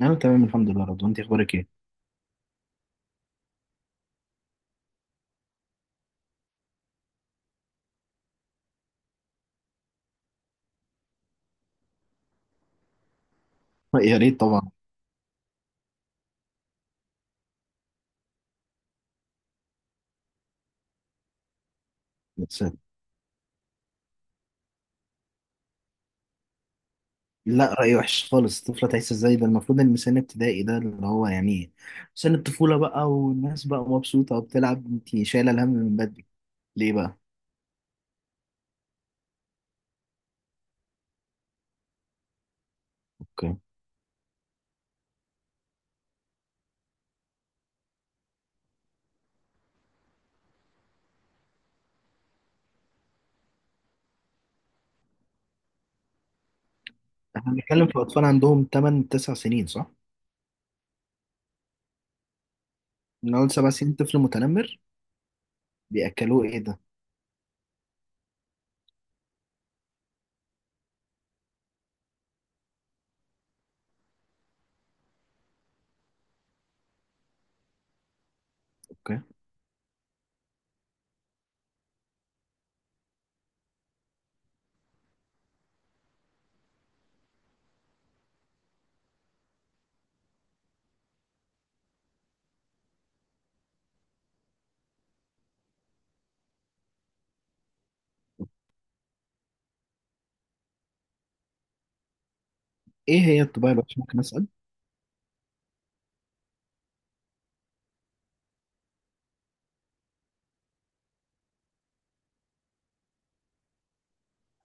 انا تمام، الحمد لله. رضوى، انت اخبارك ايه؟ يا ريت طبعا. بس. لا، رأي وحش خالص. الطفله تعيش ازاي؟ ده المفروض ان سن ابتدائي ده اللي هو يعني سن الطفوله بقى، والناس بقى مبسوطه وبتلعب. انت شايله الهم من بدري ليه بقى؟ اوكي. احنا بنتكلم في اطفال عندهم 8 9 سنين، صح؟ من اول 7 سنين طفل متنمر؟ بياكلوه ايه ده؟ اوكي. ايه هي الطباع الوحشه، ممكن اسال؟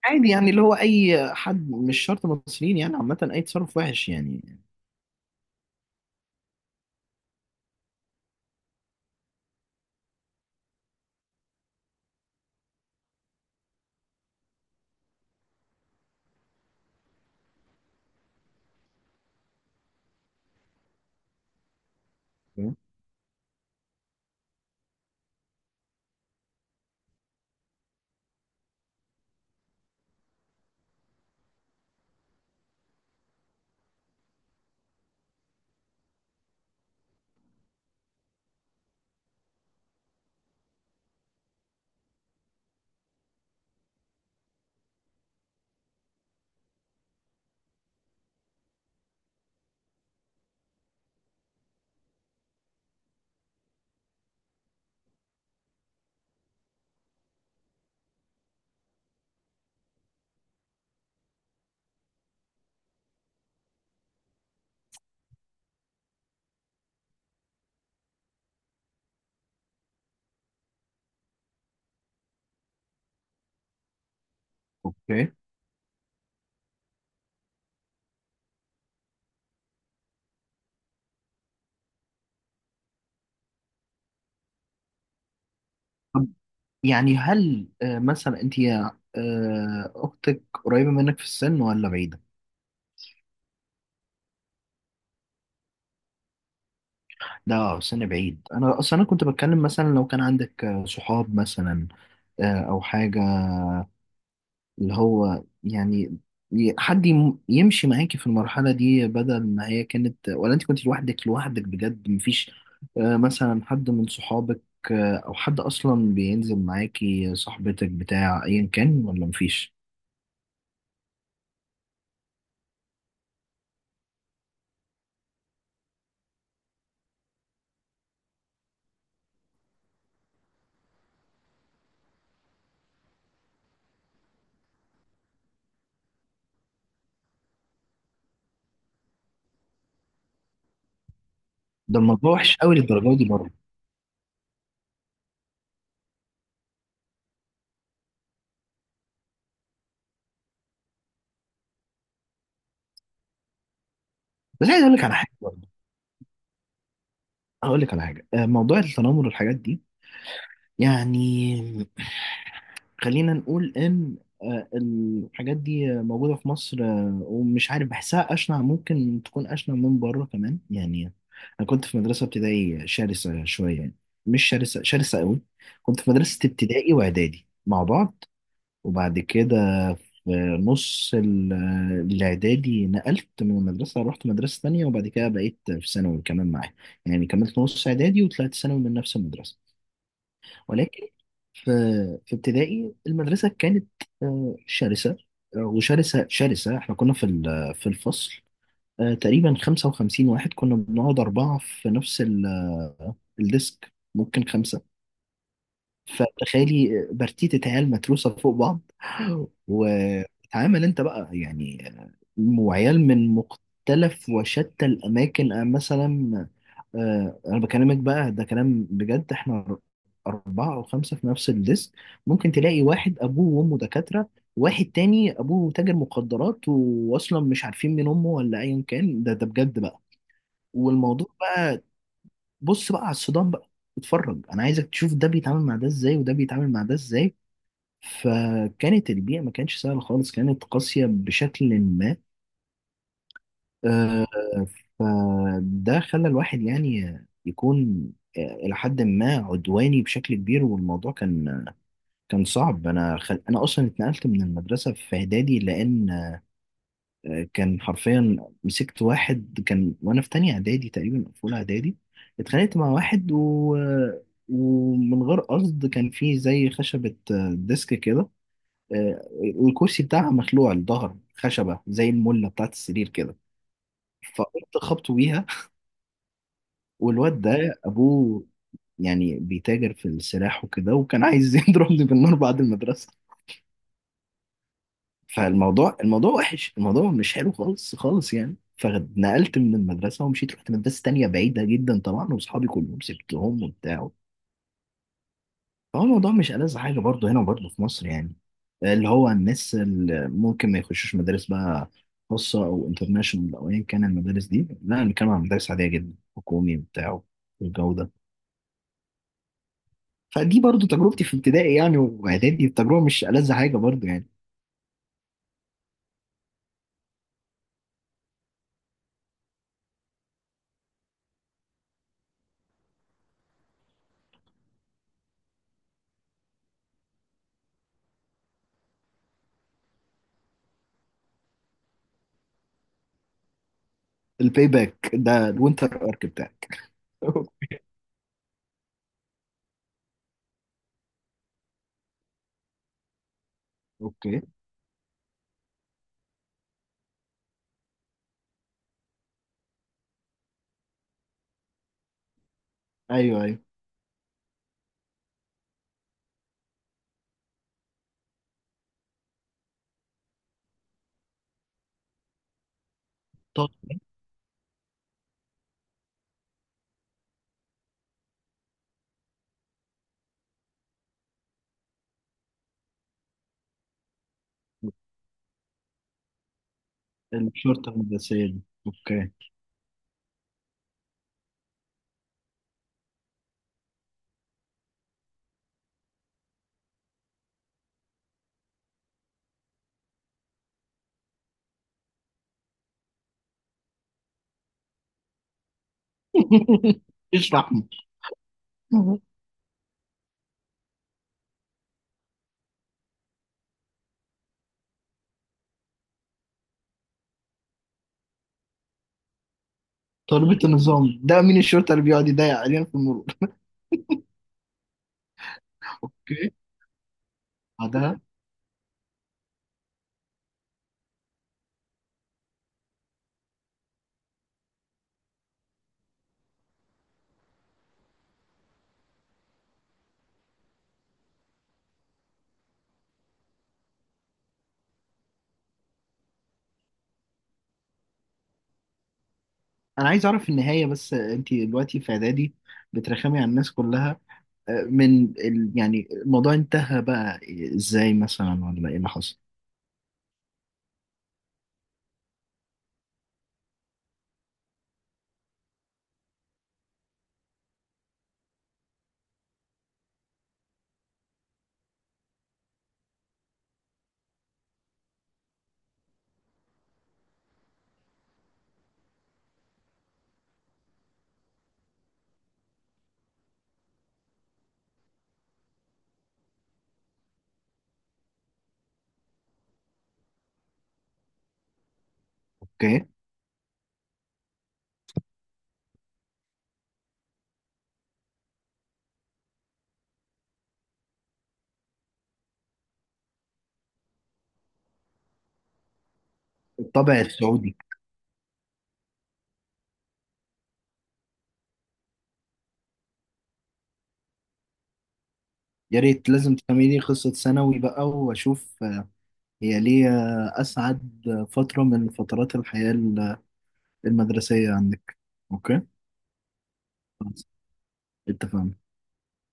عادي يعني، اللي هو اي حد، مش شرط مصريين يعني، عامه اي تصرف وحش يعني. اوكي. يعني هل مثلا انت اختك قريبه منك في السن ولا بعيده؟ لا. سن بعيد. انا اصلا انا كنت بتكلم مثلا لو كان عندك صحاب مثلا، او حاجه، اللي هو يعني حد يمشي معاكي في المرحله دي، بدل ما هي كانت ولا انت كنت لوحدك لوحدك بجد؟ مفيش مثلا حد من صحابك، او حد اصلا بينزل معاكي، صاحبتك بتاع ايا كان، ولا مفيش؟ ده الموضوع وحش قوي للدرجه دي برضه؟ بس عايز اقول لك على حاجه برضه. هقول لك على حاجه. موضوع التنمر والحاجات دي، يعني خلينا نقول ان الحاجات دي موجوده في مصر، ومش عارف، بحسها اشنع، ممكن تكون اشنع من بره كمان يعني. انا كنت في مدرسه ابتدائي شرسه شويه يعني، مش شرسه شرسه قوي. كنت في مدرسه ابتدائي واعدادي مع بعض، وبعد كده في نص الاعدادي نقلت من المدرسه، رحت مدرسه تانية. وبعد كده بقيت في ثانوي كمان معايا. يعني كملت نص اعدادي وطلعت ثانوي من نفس المدرسه. ولكن في في ابتدائي المدرسة كانت شرسة، وشرسة شرسة. احنا كنا في في الفصل تقريبا 55 واحد. كنا بنقعد أربعة في نفس الديسك، ممكن خمسة. فتخيلي، برتيتة عيال متروسة فوق بعض وتعامل انت بقى يعني. وعيال من مختلف وشتى الأماكن، مثلا. انا بكلمك بقى، ده كلام بجد. احنا اربعة او خمسة في نفس الديسك. ممكن تلاقي واحد ابوه وامه دكاترة، واحد تاني ابوه تاجر مخدرات واصلا مش عارفين مين امه ولا ايا كان. ده بجد بقى. والموضوع بقى، بص بقى على الصدام بقى. اتفرج، انا عايزك تشوف ده بيتعامل مع ده ازاي، وده بيتعامل مع ده ازاي. فكانت البيئة ما كانتش سهلة خالص، كانت قاسية بشكل ما. آه، فده خلى الواحد يعني يكون، آه، إلى حد ما، عدواني بشكل كبير. والموضوع كان صعب. أنا أصلا اتنقلت من المدرسة في إعدادي، لأن كان حرفيا، مسكت واحد كان وأنا في تانية إعدادي تقريبا أو في أولى إعدادي. اتخانقت مع واحد ومن غير قصد. كان في زي خشبة، ديسك كده، آه، والكرسي بتاعها مخلوع الظهر، خشبة زي الملة بتاعت السرير كده. فقمت خبطه بيها. والواد ده ابوه يعني بيتاجر في السلاح وكده، وكان عايز يضربني بالنار بعد المدرسه. فالموضوع وحش، الموضوع مش حلو خالص خالص يعني. فنقلت من المدرسه ومشيت، رحت مدرسه تانية بعيده جدا طبعا، واصحابي كلهم سبتهم وبتاع. فهو الموضوع مش ألذ حاجه، برضه هنا وبرضه في مصر يعني. اللي هو الناس اللي ممكن ما يخشوش مدارس بقى خاصه او انترناشونال او ايا كان. المدارس دي، لا، انا بتكلم عن مدارس عاديه جدا، حكومي وبتاع والجو ده. فدي برضو تجربتي في ابتدائي يعني واعدادي، التجربه مش ألذ حاجه برضو يعني. الباي باك ده الوينتر ارك بتاعك؟ اوكي. ايوه، ايوه. طب. الشرطه المدرسيه دي. اوكي، اشرح لي. مهم. تربية النظام ده مين؟ الشرطه اللي بيقعد يضيق علينا في المرور؟ اوكي. بعدها؟ انا عايز اعرف النهايه. بس انت دلوقتي في اعدادي بترخمي على الناس كلها. يعني الموضوع انتهى بقى ازاي مثلا، ولا ايه اللي حصل؟ اوكي، الطابع السعودي. يا ريت، لازم تفهمي لي قصة ثانوي بقى واشوف، هي ليه اسعد فترة من فترات الحياة المدرسية عندك. اوكي، خلاص، اتفقنا.